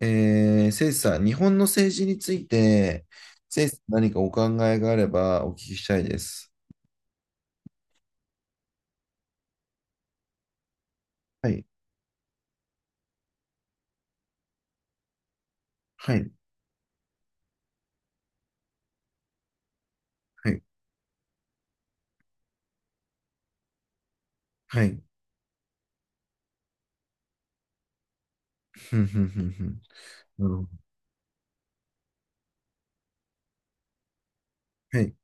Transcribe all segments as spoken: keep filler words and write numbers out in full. えー、誠司さん、日本の政治について、誠司さん何かお考えがあればお聞きしたいです。はい、はい、はい、はい。ふんふんふんふん。なるほど。はい、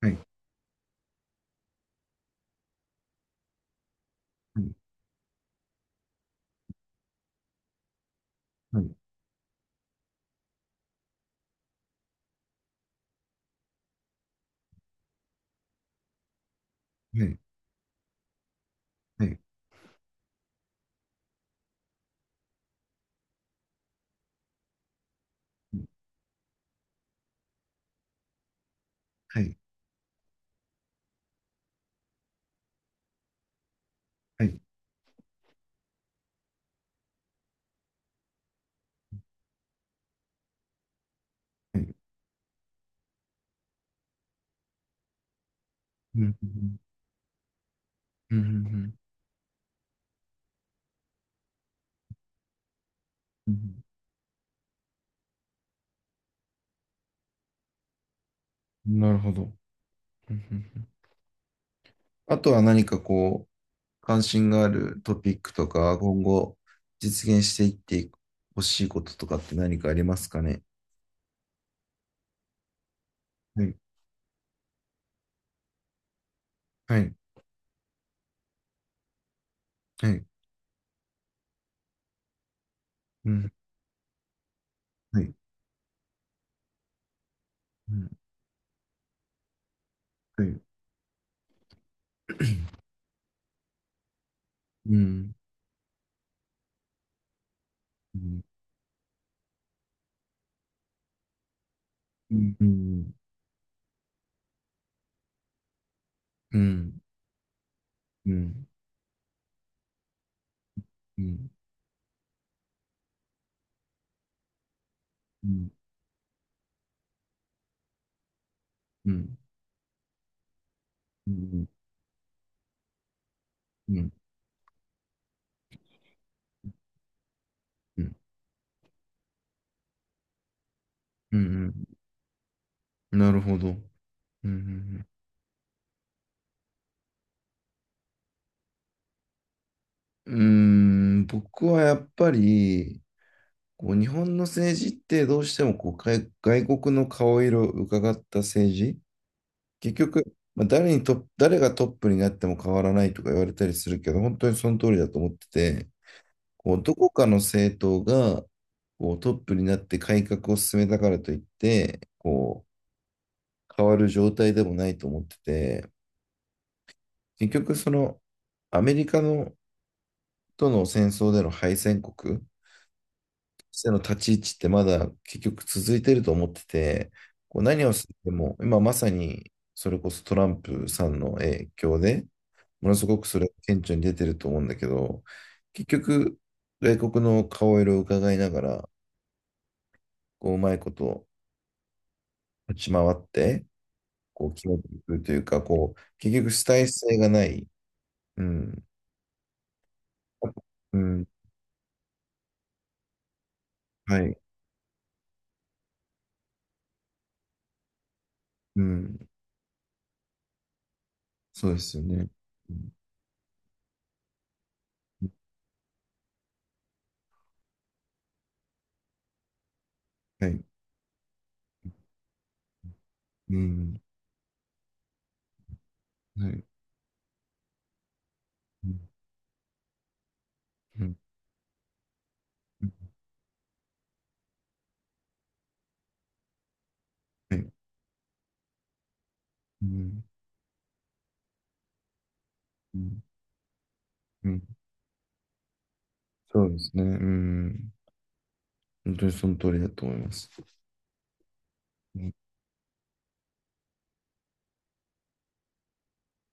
はい、はい、はい、はい、はい、はい、はい、はい。ふんふんふんふんふんふんふんなるほど。ふんふんふんあとは何かこう、関心があるトピックとか、今後実現していってほしいこととかって何かありますかね。はい、はい、はい。うんはいうん。はい。うん。うん。うん。うん。うん。うん。うん。うん。うん。うん。うん。うん。うん。なるほど。うん。うん。うーん、僕はやっぱり、こう日本の政治ってどうしてもこう外外国の顔色を伺った政治、結局、まあ、誰にトップ誰がトップになっても変わらないとか言われたりするけど、本当にその通りだと思ってて、こうどこかの政党がこうトップになって改革を進めたからといって、こう変わる状態でもないと思ってて、結局そのアメリカのとの戦争での敗戦国としての立ち位置ってまだ結局続いてると思ってて、こう何をしても今まさにそれこそトランプさんの影響で、ものすごくそれが顕著に出てると思うんだけど、結局外国の顔色を伺いながら、こううまいこと立ち回って、こう、決めていくというか、こう、結局主体性がない。うん。うん。はい。うん。そうですよね。うんはい。うん。はい。うん。うん。はい。うん。うん。うんそうですね。うん。本当にその通りだと思います。うん。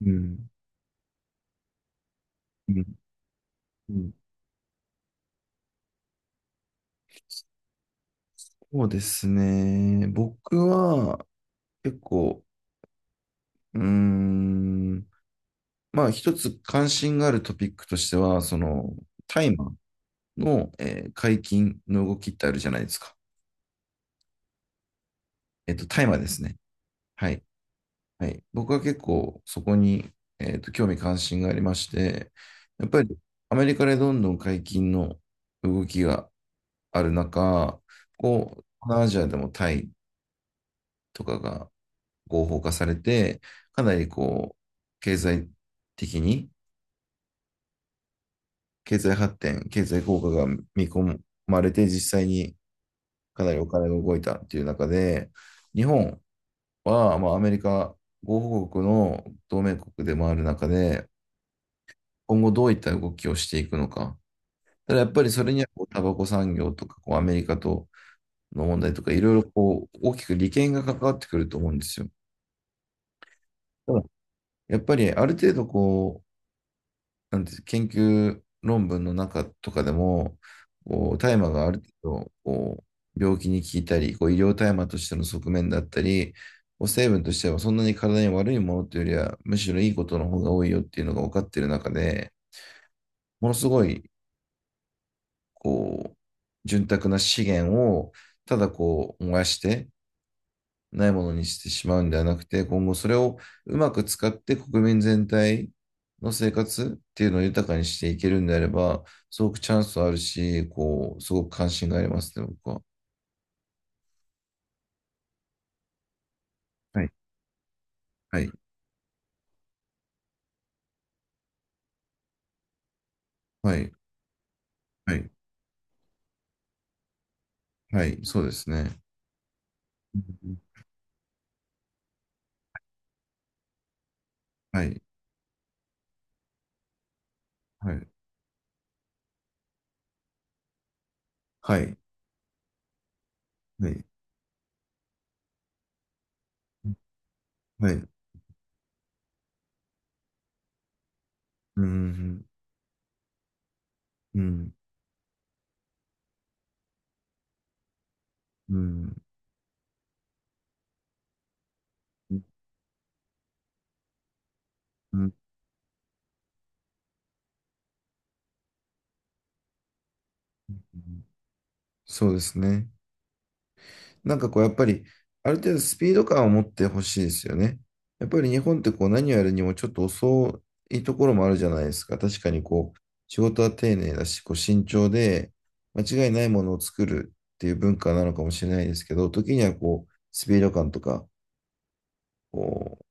うん。うんうんそうですね。僕は結構、うーん、まあ一つ関心があるトピックとしては、その、タイマーの、えー解禁の動きってあるじゃないですか。えっと、大麻ですね。はい。はい。僕は結構そこに、えっと、興味関心がありまして、やっぱりアメリカでどんどん解禁の動きがある中、こう、東南アジアでもタイとかが合法化されて、かなりこう、経済的に、経済発展、経済効果が見込まれて、実際にかなりお金が動いたっていう中で、日本、は、まあ、アメリカ合カ国の同盟国でもある中で、今後どういった動きをしていくのか。ただやっぱりそれにはこうタバコ産業とかこうアメリカとの問題とかいろいろこう大きく利権が関わってくると思うんですよ。ただやっぱりある程度こうなんて研究論文の中とかでも、こう大麻がある程度こう病気に効いたり、こう医療大麻としての側面だったり、こう成分としてはそんなに体に悪いものというよりは、むしろいいことの方が多いよっていうのが分かっている中で、ものすごいこう潤沢な資源をただこう燃やして、ないものにしてしまうんではなくて、今後それをうまく使って国民全体の生活っていうのを豊かにしていけるんであれば、すごくチャンスあるし、こう、すごく関心がありますね、僕は。はい。はい。はい。はい。はい。そうですね。うんはい。はい。はい。はい。はい。うん。うん。うん。うん。うんそうですね。なんかこう、やっぱり、ある程度スピード感を持ってほしいですよね。やっぱり日本ってこう、何をやるにもちょっと遅いところもあるじゃないですか。確かにこう、仕事は丁寧だし、こう、慎重で、間違いないものを作るっていう文化なのかもしれないですけど、時にはこう、スピード感とか、こ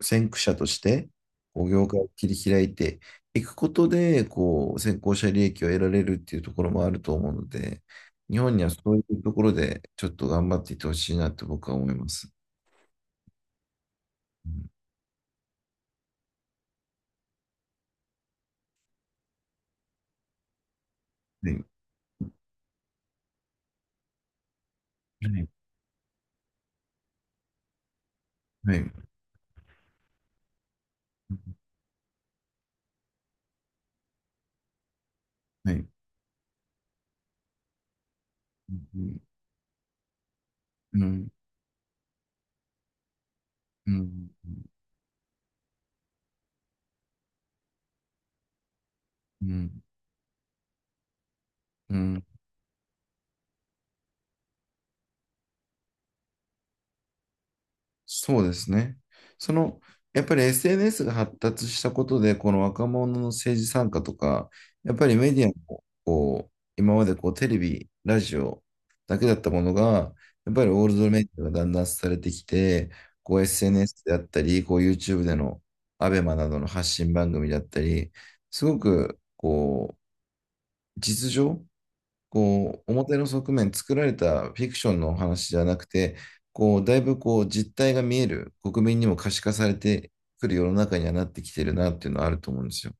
先駆者として、こう業界を切り開いていくことで、こう、先行者利益を得られるっていうところもあると思うので、日本にはそういうところで、ちょっと頑張っていってほしいなって僕は思います。うんはい。はい。はい。はい。うん。うん。うん。うん。うんそうですね。その、やっぱり エスエヌエス が発達したことで、この若者の政治参加とか、やっぱりメディアも、こう、今までこうテレビ、ラジオだけだったものが、やっぱりオールドメディアがだんだんされてきて、こう エスエヌエス であったり、こう ユーチューブ でのアベマなどの発信番組だったり、すごく、こう、実情こう、表の側面、作られたフィクションのお話じゃなくて、こう、だいぶこう、実態が見える、国民にも可視化されてくる世の中にはなってきてるなっていうのはあると思うんですよ。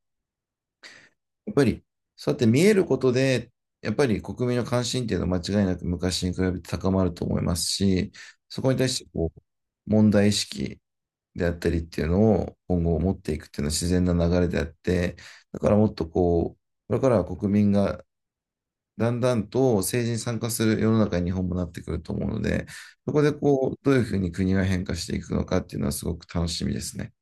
やっぱり、そうやって見えることで、やっぱり国民の関心っていうのは間違いなく昔に比べて高まると思いますし、そこに対してこう、問題意識であったりっていうのを今後持っていくっていうのは自然な流れであって、だからもっとこう、これからは国民がだんだんと政治に参加する世の中に日本もなってくると思うので、そこでこう、どういうふうに国が変化していくのかっていうのはすごく楽しみですね。